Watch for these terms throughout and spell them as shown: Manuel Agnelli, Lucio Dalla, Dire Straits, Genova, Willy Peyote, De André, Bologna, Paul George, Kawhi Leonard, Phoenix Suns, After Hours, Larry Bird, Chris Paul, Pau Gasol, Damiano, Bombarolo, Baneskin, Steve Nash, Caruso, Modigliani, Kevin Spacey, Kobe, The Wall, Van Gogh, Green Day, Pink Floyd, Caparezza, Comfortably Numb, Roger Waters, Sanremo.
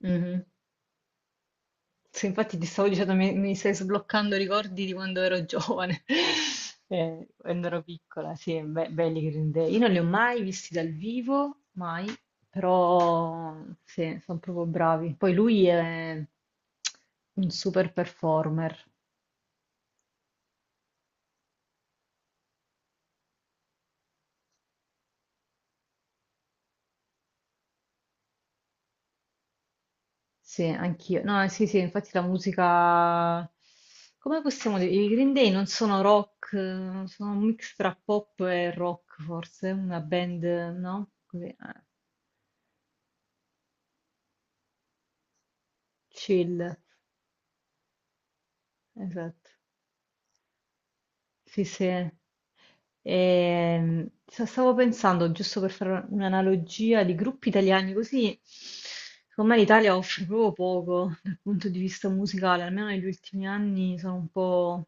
Mhm. Sì, infatti ti stavo dicendo, mi stai sbloccando ricordi di quando ero giovane, quando ero piccola, sì, belli Green Day. Io non li ho mai visti dal vivo, mai, però sì, sono proprio bravi. Poi lui è un super performer. Sì, anch'io. No, sì, sì, infatti la musica... Come possiamo dire? I Green Day non sono rock, sono un mix tra pop e rock, forse, una band, no? Così, chill, esatto. Sì, sì. Stavo pensando, giusto per fare un'analogia di gruppi italiani, così secondo me l'Italia offre proprio poco dal punto di vista musicale, almeno negli ultimi anni sono un po',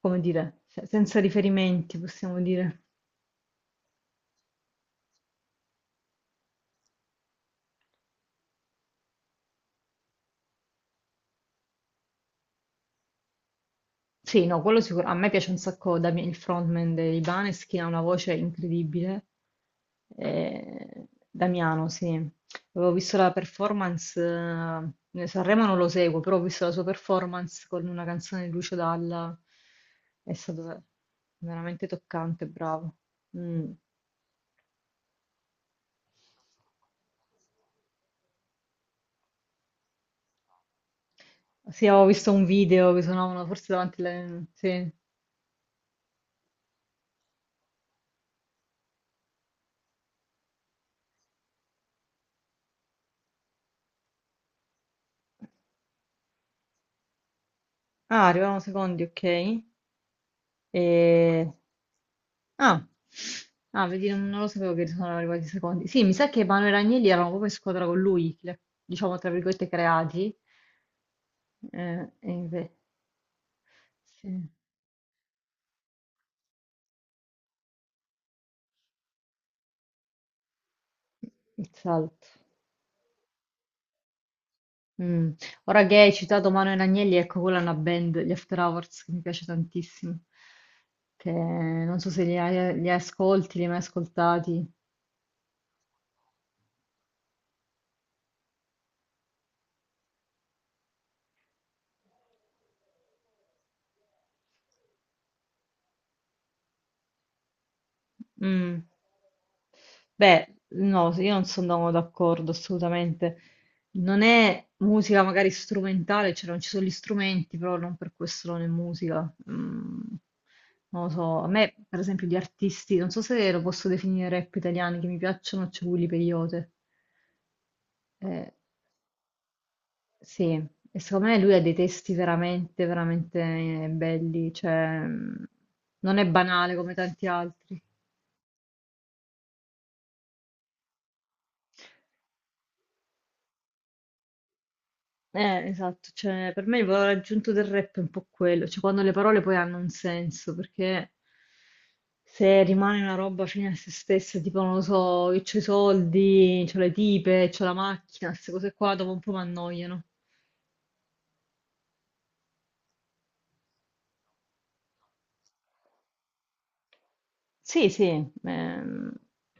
come dire, senza riferimenti, possiamo dire. Sì, no, quello sicuro. A me piace un sacco Damien, il frontman dei Baneskin, ha una voce incredibile. Damiano, sì. Avevo visto la performance, Sanremo non lo seguo, però ho visto la sua performance con una canzone di Lucio Dalla. È stato veramente toccante, bravo. Mm. Sì, avevo visto un video che suonavano forse davanti alle... Sì. Ah, arrivavano secondi, ok. E... Ah. Ah, vedi, non, non lo sapevo che sono arrivati i secondi. Sì, mi sa che Manuel e Agnelli erano proprio in squadra con lui, diciamo tra virgolette creati. E sì, il salto. Mm. Ora che hai citato Manuel Agnelli, ecco quella è una band, gli After Hours, che mi piace tantissimo. Che non so se li, li ascolti, li hai mai ascoltati. Mm. Beh, no, sì, io non sono d'accordo assolutamente. Non è musica magari strumentale, cioè non ci sono gli strumenti, però non per questo non è musica. Mm, non lo so, a me per esempio di artisti, non so se lo posso definire rap italiani che mi piacciono, c'è Willy Peyote. Eh, sì, e secondo me lui ha dei testi veramente, veramente belli, cioè mm, non è banale come tanti altri. Esatto, cioè per me il valore aggiunto del rap è un po' quello, cioè quando le parole poi hanno un senso, perché se rimane una roba fine a se stessa, tipo non lo so, io c'ho i soldi, c'ho le tipe, c'ho la macchina, queste cose qua dopo un po' mi annoiano. Sì, sì, ehm,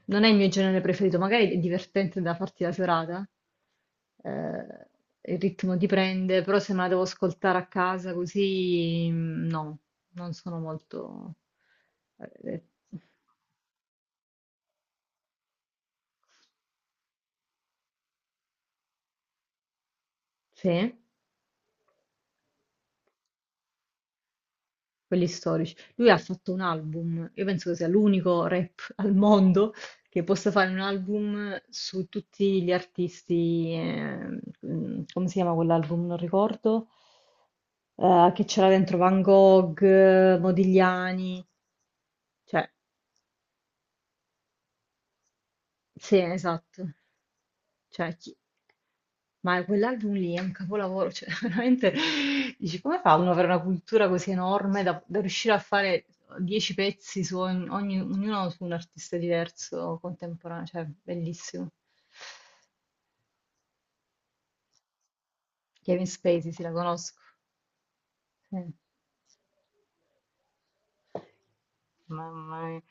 non è il mio genere preferito, magari è divertente da farti la serata, eh, il ritmo ti prende, però se me la devo ascoltare a casa così, mm, no, non sono molto... eh, eh, sì? Quelli storici. Lui ha fatto un album, io penso che sia l'unico rap al mondo che possa fare un album su tutti gli artisti, mm, come si chiama quell'album? Non ricordo, che c'era dentro Van Gogh, Modigliani, cioè. Sì, esatto. Cioè, chi- ma quell'album lì è un capolavoro, cioè veramente dici come fa uno ad avere una cultura così enorme da, da riuscire a fare 10 pezzi su ognuno su un artista diverso contemporaneo, cioè bellissimo. Kevin Spacey, sì, la conosco. Sì. Mamma mia.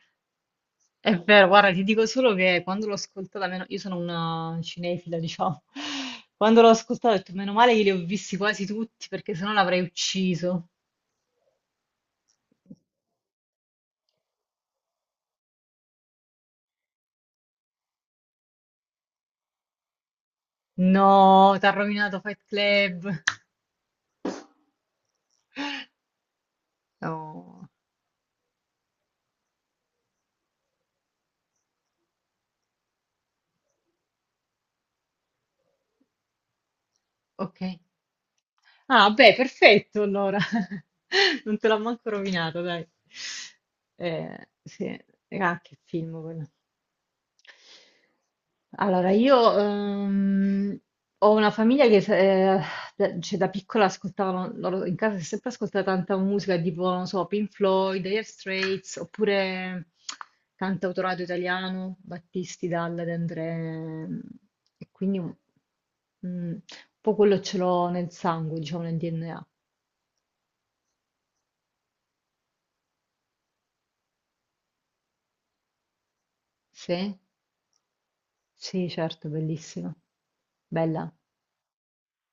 È vero, guarda, ti dico solo che quando l'ho ascoltata, meno... io sono una cinefila, diciamo, quando l'ho ascoltata ho detto meno male che li ho visti quasi tutti perché sennò l'avrei ucciso. No, t'ha rovinato Fight Club. No, ok. Ah, beh, perfetto allora. Non te l'ho manco rovinato, dai. Sì, ah, che film quello. Allora, io ho una famiglia che eh, da, cioè, da piccola ascoltavano, loro in casa si è sempre ascoltata tanta musica, tipo, non so, Pink Floyd, Dire Straits, oppure cantautorato italiano, Battisti, Dalla, De André, e quindi mm, poi quello ce l'ho nel sangue, diciamo nel DNA. Sì? Sì, certo, bellissima. Bella,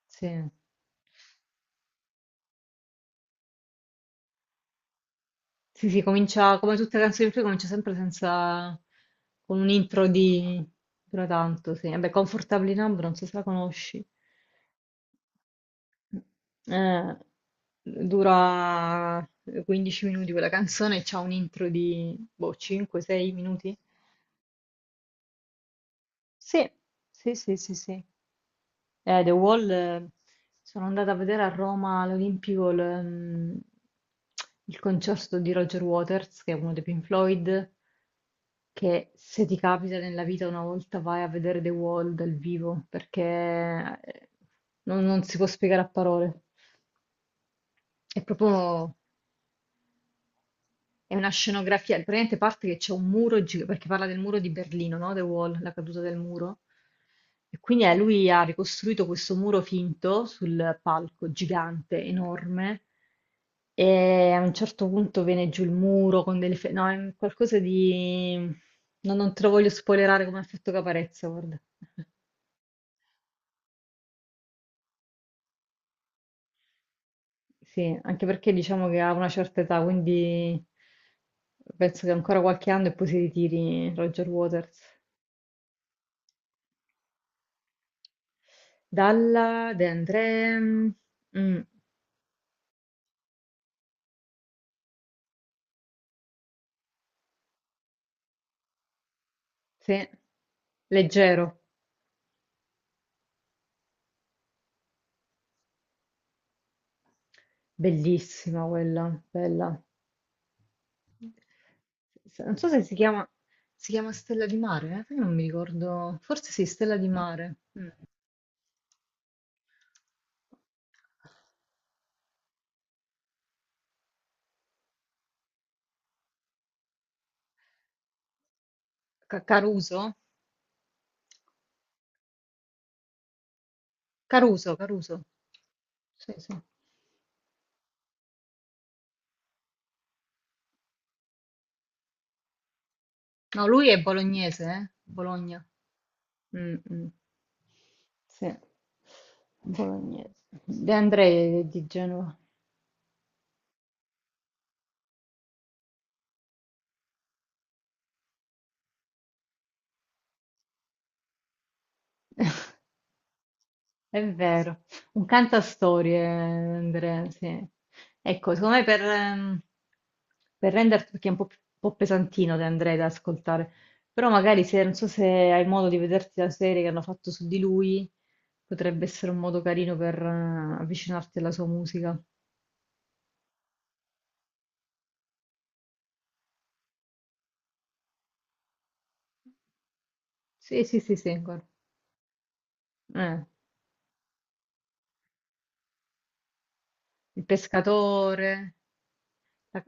sì. Sì, sì, comincia come tutte le canzoni sue, comincia sempre senza con un intro di dura tanto, sì. Vabbè, Comfortably Numb, non so se la conosci. Eh, dura 15 minuti quella canzone, e c'ha un intro di boh, 5-6 minuti. Sì, sì, sì, sì, sì. The Wall, sono andata a vedere a Roma all'Olimpico il concerto di Roger Waters, che è uno dei Pink Floyd, che se ti capita nella vita una volta vai a vedere The Wall dal vivo, perché eh, non, non si può spiegare a parole. È proprio. È una scenografia, praticamente parte che c'è un muro, perché parla del muro di Berlino, no? The Wall, la caduta del muro. E quindi lui ha ricostruito questo muro finto sul palco, gigante, enorme, e a un certo punto viene giù il muro con delle... No, è un qualcosa di... no, non te lo voglio spoilerare come ha fatto Caparezza, guarda. Sì, anche perché diciamo che ha una certa età, quindi penso che ancora qualche anno e poi si ritiri Roger Waters. Dalla De André, mm, sì, leggero, bellissima quella, bella. Non so se si chiama, si chiama Stella di Mare, eh? Perché non mi ricordo, forse sì, Stella di Mare. Mm. Caruso? Caruso, Caruso. Sì, sì. No, lui è bolognese, eh? Bologna. Mm, mm. Sì, bolognese. De Andrei è di Genova. È vero, un cantastorie, Andrea, sì. Ecco, secondo me per renderti, perché è un po', un po' pesantino De Andrei da ascoltare, però magari se, non so se hai modo di vederti la serie che hanno fatto su di lui, potrebbe essere un modo carino per avvicinarti alla sua musica. Sì, sì, sì, sì, ancora. Eh, il pescatore. la-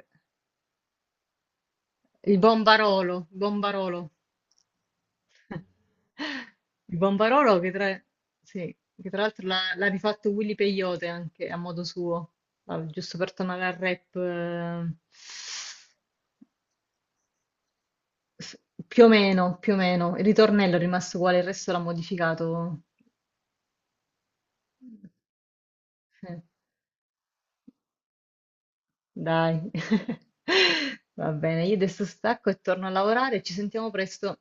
Il Bombarolo, Bombarolo. Il Bombarolo che tra, sì, che tra l'altro l'ha rifatto Willy Peyote anche a modo suo. Ah, giusto per tornare al rap, s- più o meno, più o meno. Il ritornello è rimasto uguale, il resto l'ha modificato. Eh, Dai. Va bene, io adesso stacco e torno a lavorare, ci sentiamo presto.